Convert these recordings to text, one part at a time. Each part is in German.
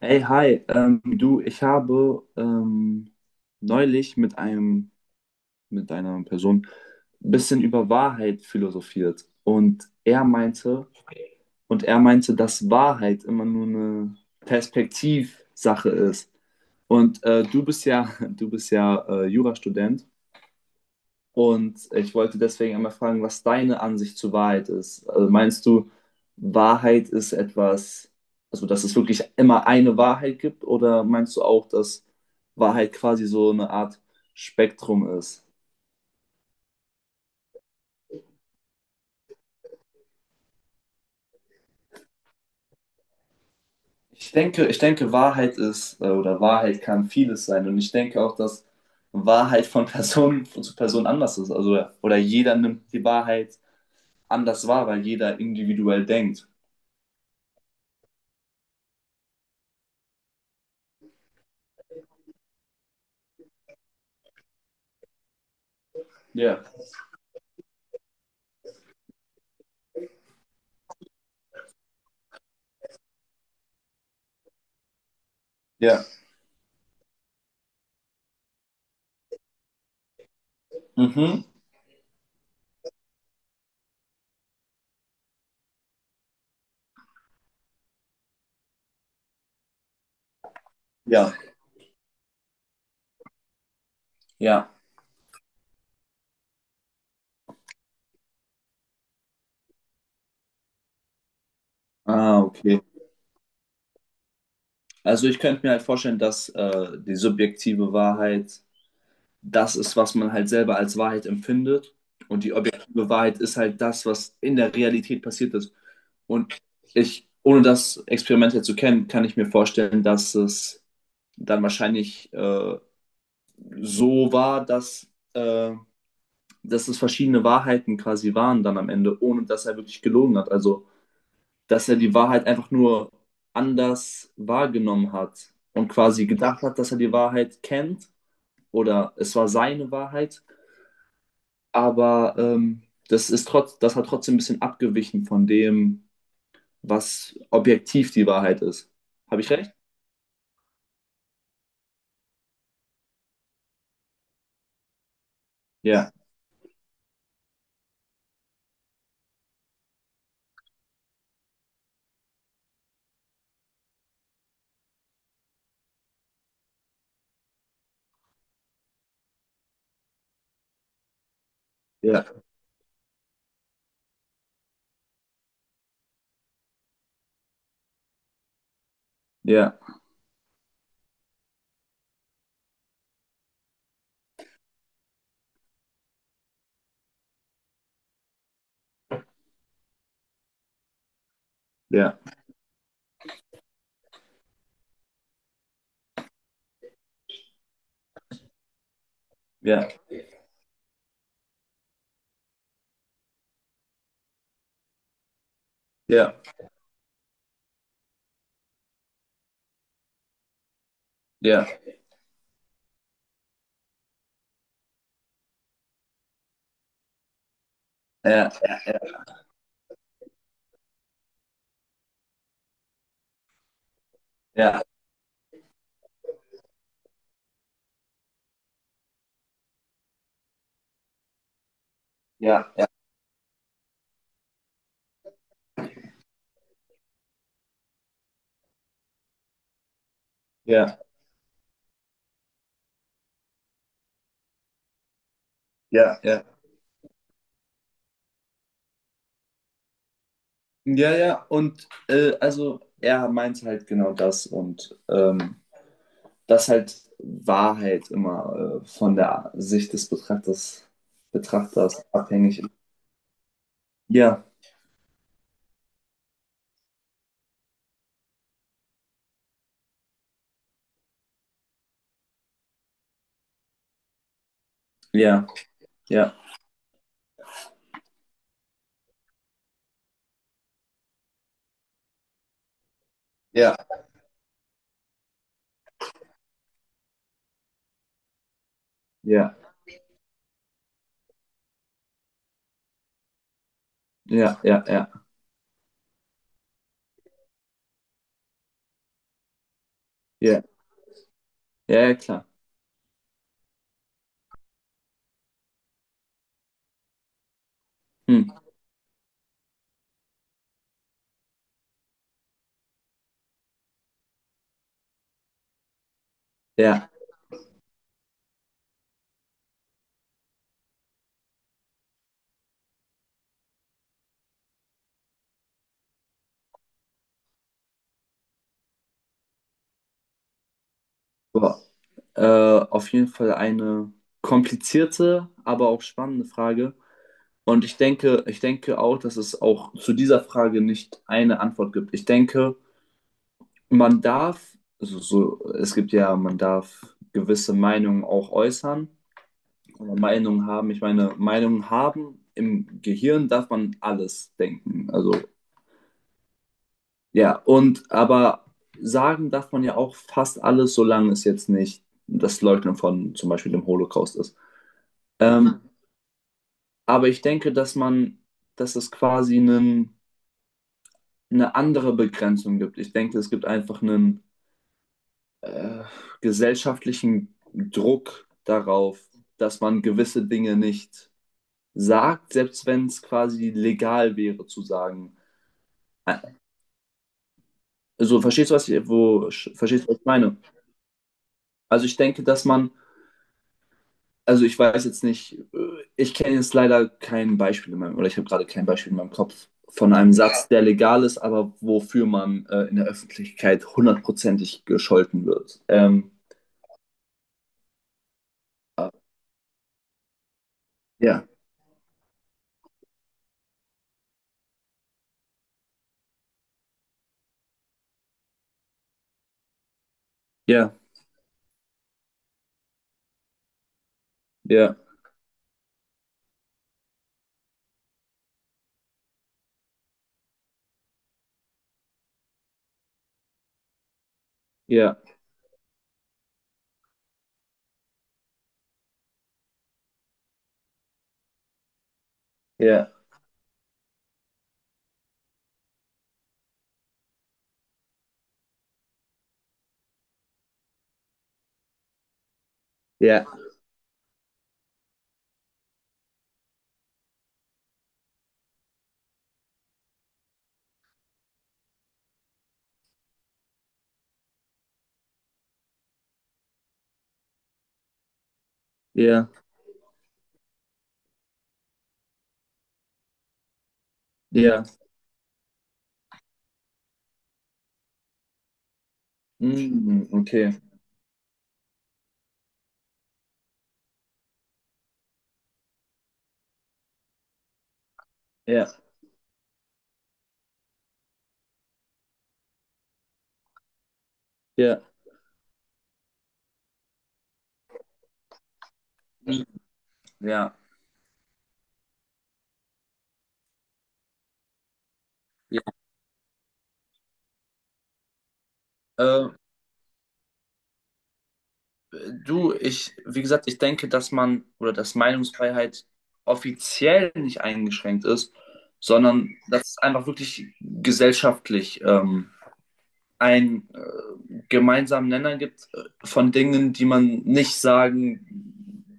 Hey, hi, du, ich habe neulich mit einer Person ein bisschen über Wahrheit philosophiert und er meinte, dass Wahrheit immer nur eine Perspektivsache ist. Und du bist ja, du bist ja Jurastudent, und ich wollte deswegen einmal fragen, was deine Ansicht zur Wahrheit ist. Also meinst du, Wahrheit ist etwas, also dass es wirklich immer eine Wahrheit gibt, oder meinst du auch, dass Wahrheit quasi so eine Art Spektrum ist? Ich denke, Wahrheit ist, oder Wahrheit kann vieles sein. Und ich denke auch, dass Wahrheit von Person zu Person anders ist. Also, oder jeder nimmt die Wahrheit anders wahr, weil jeder individuell denkt. Ja. Ja. Mhm. Ja. Ja. Ah, okay. Also ich könnte mir halt vorstellen, dass die subjektive Wahrheit das ist, was man halt selber als Wahrheit empfindet. Und die objektive Wahrheit ist halt das, was in der Realität passiert ist. Und ich, ohne das Experiment jetzt zu kennen, kann ich mir vorstellen, dass es dann wahrscheinlich so war, äh, dass es verschiedene Wahrheiten quasi waren dann am Ende, ohne dass er wirklich gelogen hat. Also dass er die Wahrheit einfach nur anders wahrgenommen hat und quasi gedacht hat, dass er die Wahrheit kennt oder es war seine Wahrheit, aber das hat trotzdem ein bisschen abgewichen von dem, was objektiv die Wahrheit ist. Habe ich recht? Ja, ja, ja, ja, ja, ja, ja, ja, ja, ja, ja, ja, ja, ja. Ja, ja, und also er meint halt genau das und dass halt Wahrheit immer von der Sicht des Betrachters abhängig ist. Ja, ja, ja. Ja, ja, ja, ja, ja, ja, ja, ja, klar. Hm, ja, boah. Auf jeden Fall eine komplizierte, aber auch spannende Frage. Und ich denke auch, dass es auch zu dieser Frage nicht eine Antwort gibt. Ich denke, man darf, also so, es gibt ja, man darf gewisse Meinungen auch äußern. Kann man Meinungen haben. Ich meine, Meinungen haben, im Gehirn darf man alles denken. Also, ja, und aber sagen darf man ja auch fast alles, solange es jetzt nicht das Leugnen von zum Beispiel dem Holocaust ist. Ähm, aber ich denke, dass es quasi eine andere Begrenzung gibt. Ich denke, es gibt einfach einen äh, gesellschaftlichen Druck darauf, dass man gewisse Dinge nicht sagt, selbst wenn es quasi legal wäre zu sagen. Also, verstehst du, was ich meine? Also, ich denke, also ich weiß jetzt nicht, ich kenne jetzt leider kein Beispiel in meinem, oder ich habe gerade kein Beispiel in meinem Kopf von einem Satz, der legal ist, aber wofür man in der Öffentlichkeit hundertprozentig gescholten wird. Ja, ja, ja, ja, ja, ja, ja, ja. Mm, okay, ja, ja, mm, ja, ja. Äh, Du, ich, wie gesagt, ich denke, dass man oder dass Meinungsfreiheit offiziell nicht eingeschränkt ist, sondern dass es einfach wirklich gesellschaftlich einen gemeinsamen Nenner gibt von Dingen, die man nicht sagen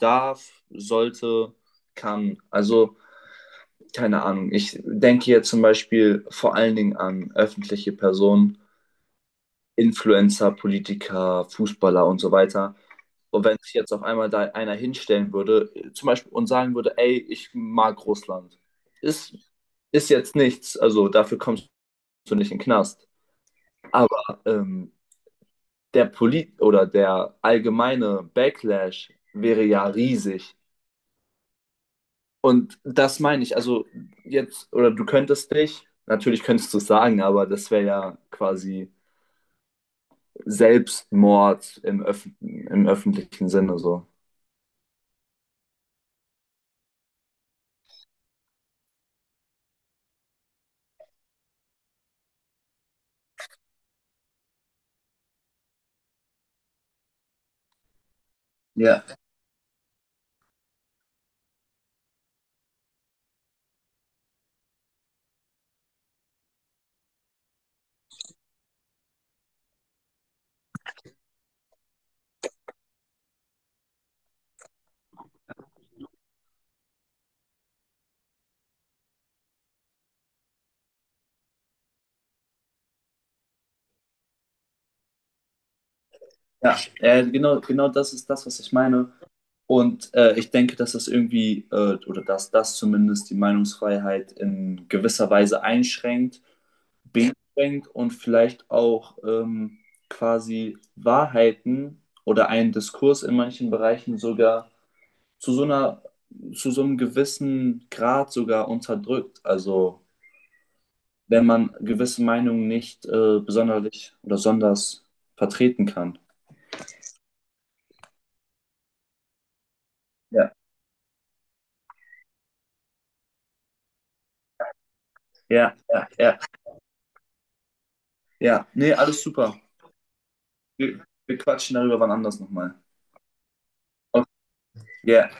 darf, sollte, kann. Also, keine Ahnung. Ich denke hier zum Beispiel vor allen Dingen an öffentliche Personen, Influencer, Politiker, Fußballer und so weiter, und wenn sich jetzt auf einmal da einer hinstellen würde, zum Beispiel, und sagen würde, ey, ich mag Russland, ist, ist jetzt nichts, also dafür kommst du nicht in den Knast. Aber der Polit oder der allgemeine Backlash wäre ja riesig. Und das meine ich, also jetzt, oder natürlich könntest du es sagen, aber das wäre ja quasi Selbstmord im öffentlichen Sinne so. Ja, ja, genau, genau das ist das, was ich meine. Und ich denke, dass das zumindest die Meinungsfreiheit in gewisser Weise einschränkt, beschränkt und vielleicht auch quasi Wahrheiten oder einen Diskurs in manchen Bereichen sogar zu so einer, zu so einem gewissen Grad sogar unterdrückt. Also wenn man gewisse Meinungen nicht besonderlich oder sonders vertreten kann. Ja, ja, ja, ja, ja. Nee, alles super. Wir quatschen darüber wann anders nochmal. Okay. Yeah.